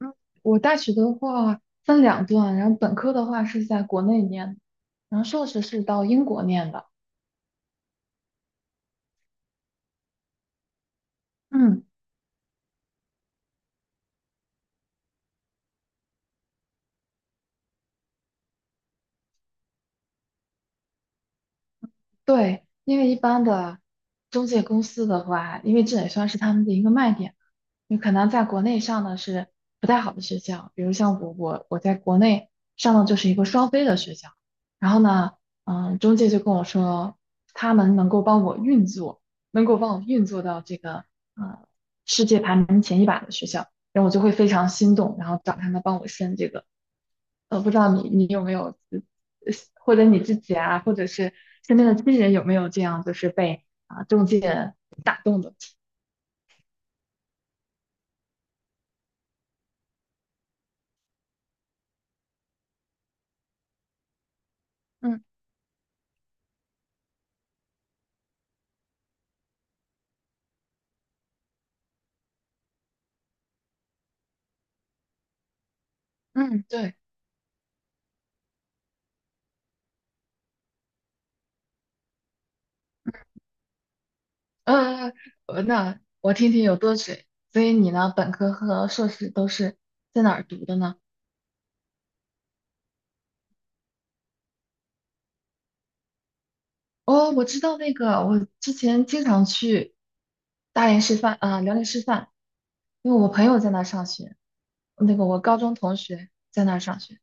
嗯，我大学的话分2段，然后本科的话是在国内念的。然后硕士是到英国念的。嗯。对，因为一般的中介公司的话，因为这也算是他们的一个卖点，你可能在国内上的是不太好的学校，比如像我，我在国内上的就是一个双非的学校，然后呢，中介就跟我说，他们能够帮我运作，能够帮我运作到这个呃世界排名前100的学校，然后我就会非常心动，然后找他们帮我申这个不知道你有没有，或者你自己啊，或者是身边的亲人有没有这样，就是被啊中介打动的？嗯嗯，对，呃，那我听听有多水。所以你呢，本科和硕士都是在哪儿读的呢？哦，我知道那个，我之前经常去大连师范啊，辽宁师范，因为我朋友在那儿上学，那个我高中同学在那儿上学。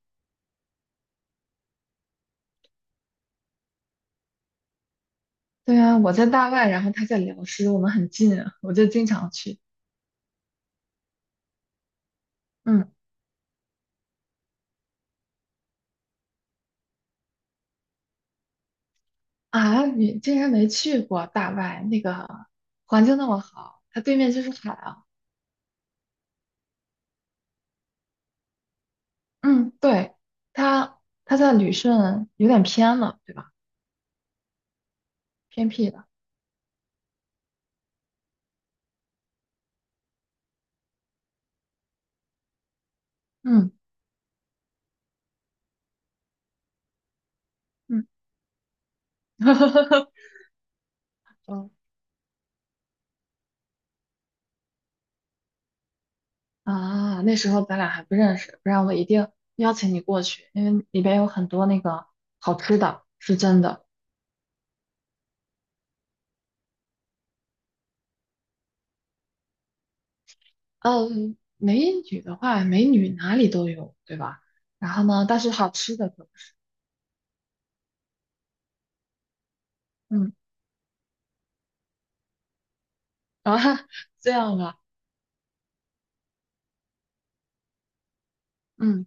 对啊，我在大外，然后他在辽师，我们很近啊，我就经常去。嗯。啊，你竟然没去过大外，那个环境那么好，它对面就是海啊。嗯，对，它它在旅顺有点偏了，对吧？偏僻的。嗯嗯，嗯，啊，那时候咱俩还不认识，不然我一定邀请你过去，因为里边有很多那个好吃的，是真的。嗯，美女的话，美女哪里都有，对吧？然后呢，但是好吃的可不是，嗯，啊，这样啊，嗯，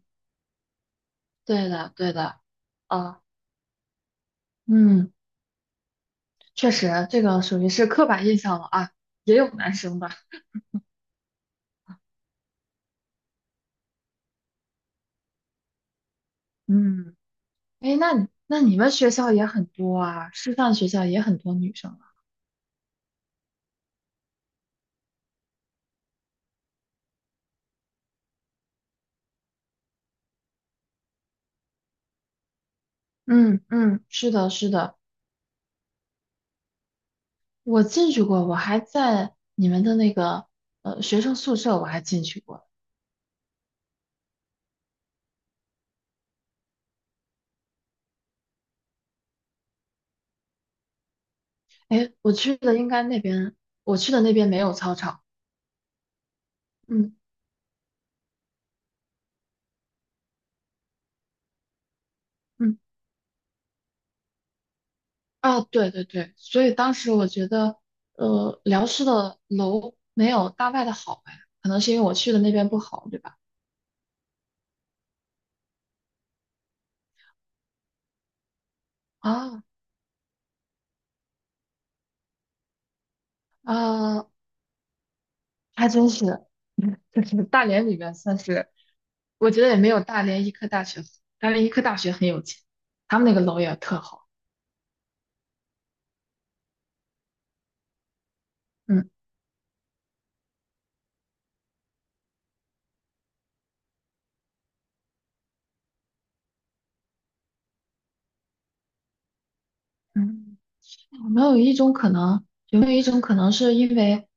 对的，对的，啊，嗯，确实，这个属于是刻板印象了啊，也有男生的，嗯，哎，那你那你们学校也很多啊，师范学校也很多女生啊，嗯嗯，是的，是的，我进去过，我还在你们的那个学生宿舍，我还进去过。哎，我去的应该那边，我去的那边没有操场。嗯嗯，啊，对对对，所以当时我觉得，辽师的楼没有大外的好哎，可能是因为我去的那边不好，对吧？啊啊，还真是，就是 大连里面算是，我觉得也没有大连医科大学好，大连医科大学很有钱，他们那个楼也特好。嗯嗯。有没有一种可能？有没有一种可能是因为，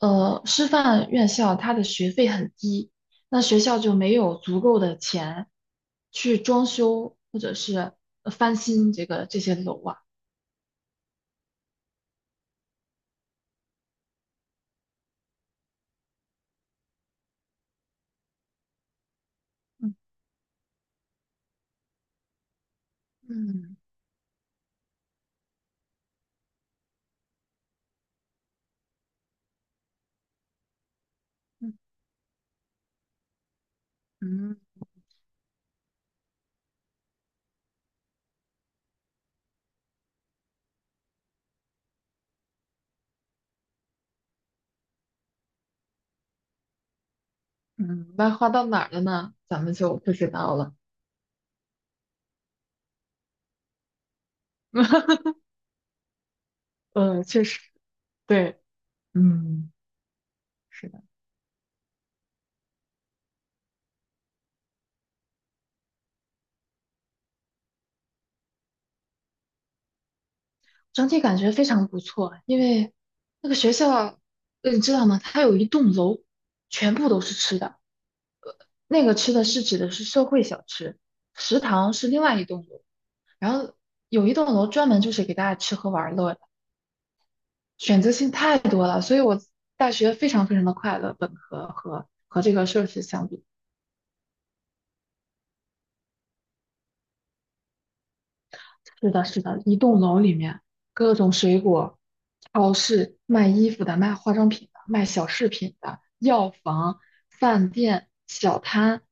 师范院校它的学费很低，那学校就没有足够的钱去装修或者是翻新这个这些楼啊？嗯嗯嗯嗯，嗯，那花到哪儿了呢？咱们就不知道了。嗯，确实，对，嗯，是的，整体感觉非常不错，因为那个学校，你知道吗？它有一栋楼，全部都是吃的。那个吃的是指的是社会小吃，食堂是另外一栋楼，然后有一栋楼专门就是给大家吃喝玩乐的，选择性太多了，所以我大学非常非常的快乐。本科和这个硕士相比，是的，是的，一栋楼里面各种水果，超市卖衣服的、卖化妆品的、卖小饰品的、药房、饭店、小摊，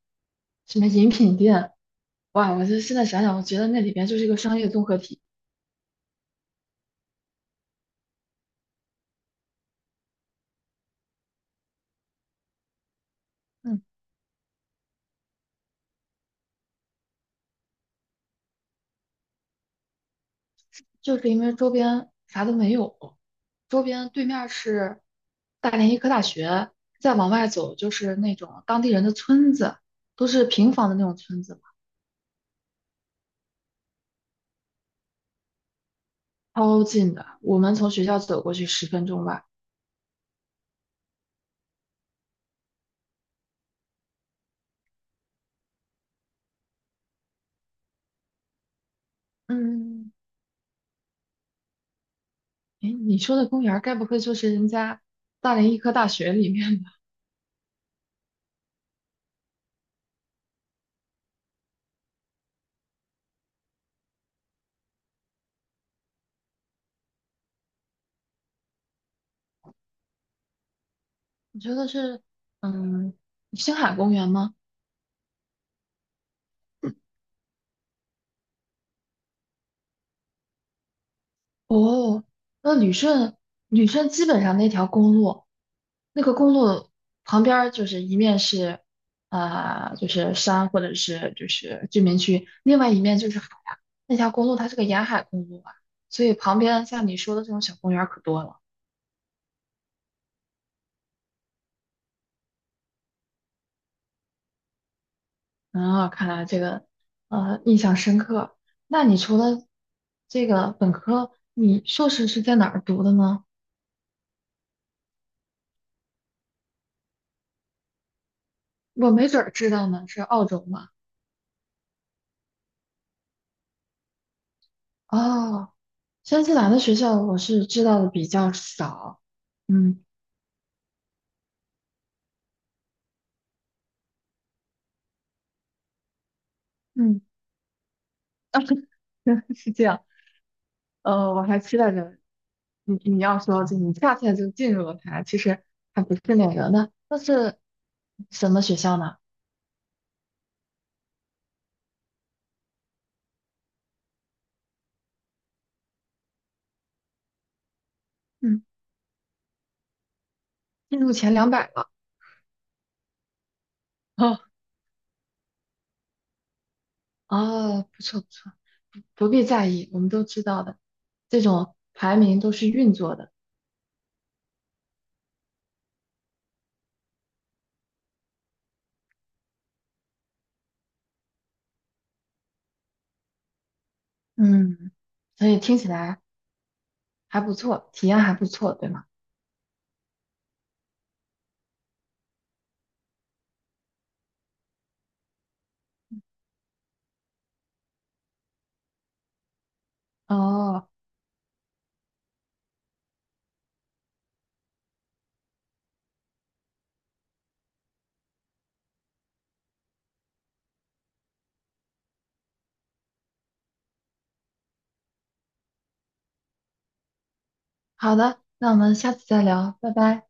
什么饮品店，哇，我就现在想想，我觉得那里边就是一个商业综合体。嗯，就是因为周边啥都没有，周边对面儿是大连医科大学，再往外走就是那种当地人的村子，都是平房的那种村子嘛。超近的。我们从学校走过去10分钟吧。嗯，哎，你说的公园儿该不会就是人家大连医科大学里面的？你说的是嗯星海公园吗？哦，那旅顺，旅顺基本上那条公路，那个公路旁边儿就是一面是，啊、就是山或者是就是居民区，另外一面就是海啊。那条公路它是个沿海公路啊，所以旁边像你说的这种小公园儿可多了。啊，看来这个印象深刻。那你除了这个本科，你硕士是在哪儿读的呢？我没准儿知道呢，是澳洲吗？哦，新西兰的学校我是知道的比较少，嗯嗯，啊，是这样。我还期待着你要说就你恰恰就进入了它，其实还不是那个。那是什么学校呢？嗯，进入前200了。哦，哦，不错不错，不必在意，我们都知道的，这种排名都是运作的，嗯，所以听起来还不错，体验还不错，对吗？哦，好的，那我们下次再聊，拜拜。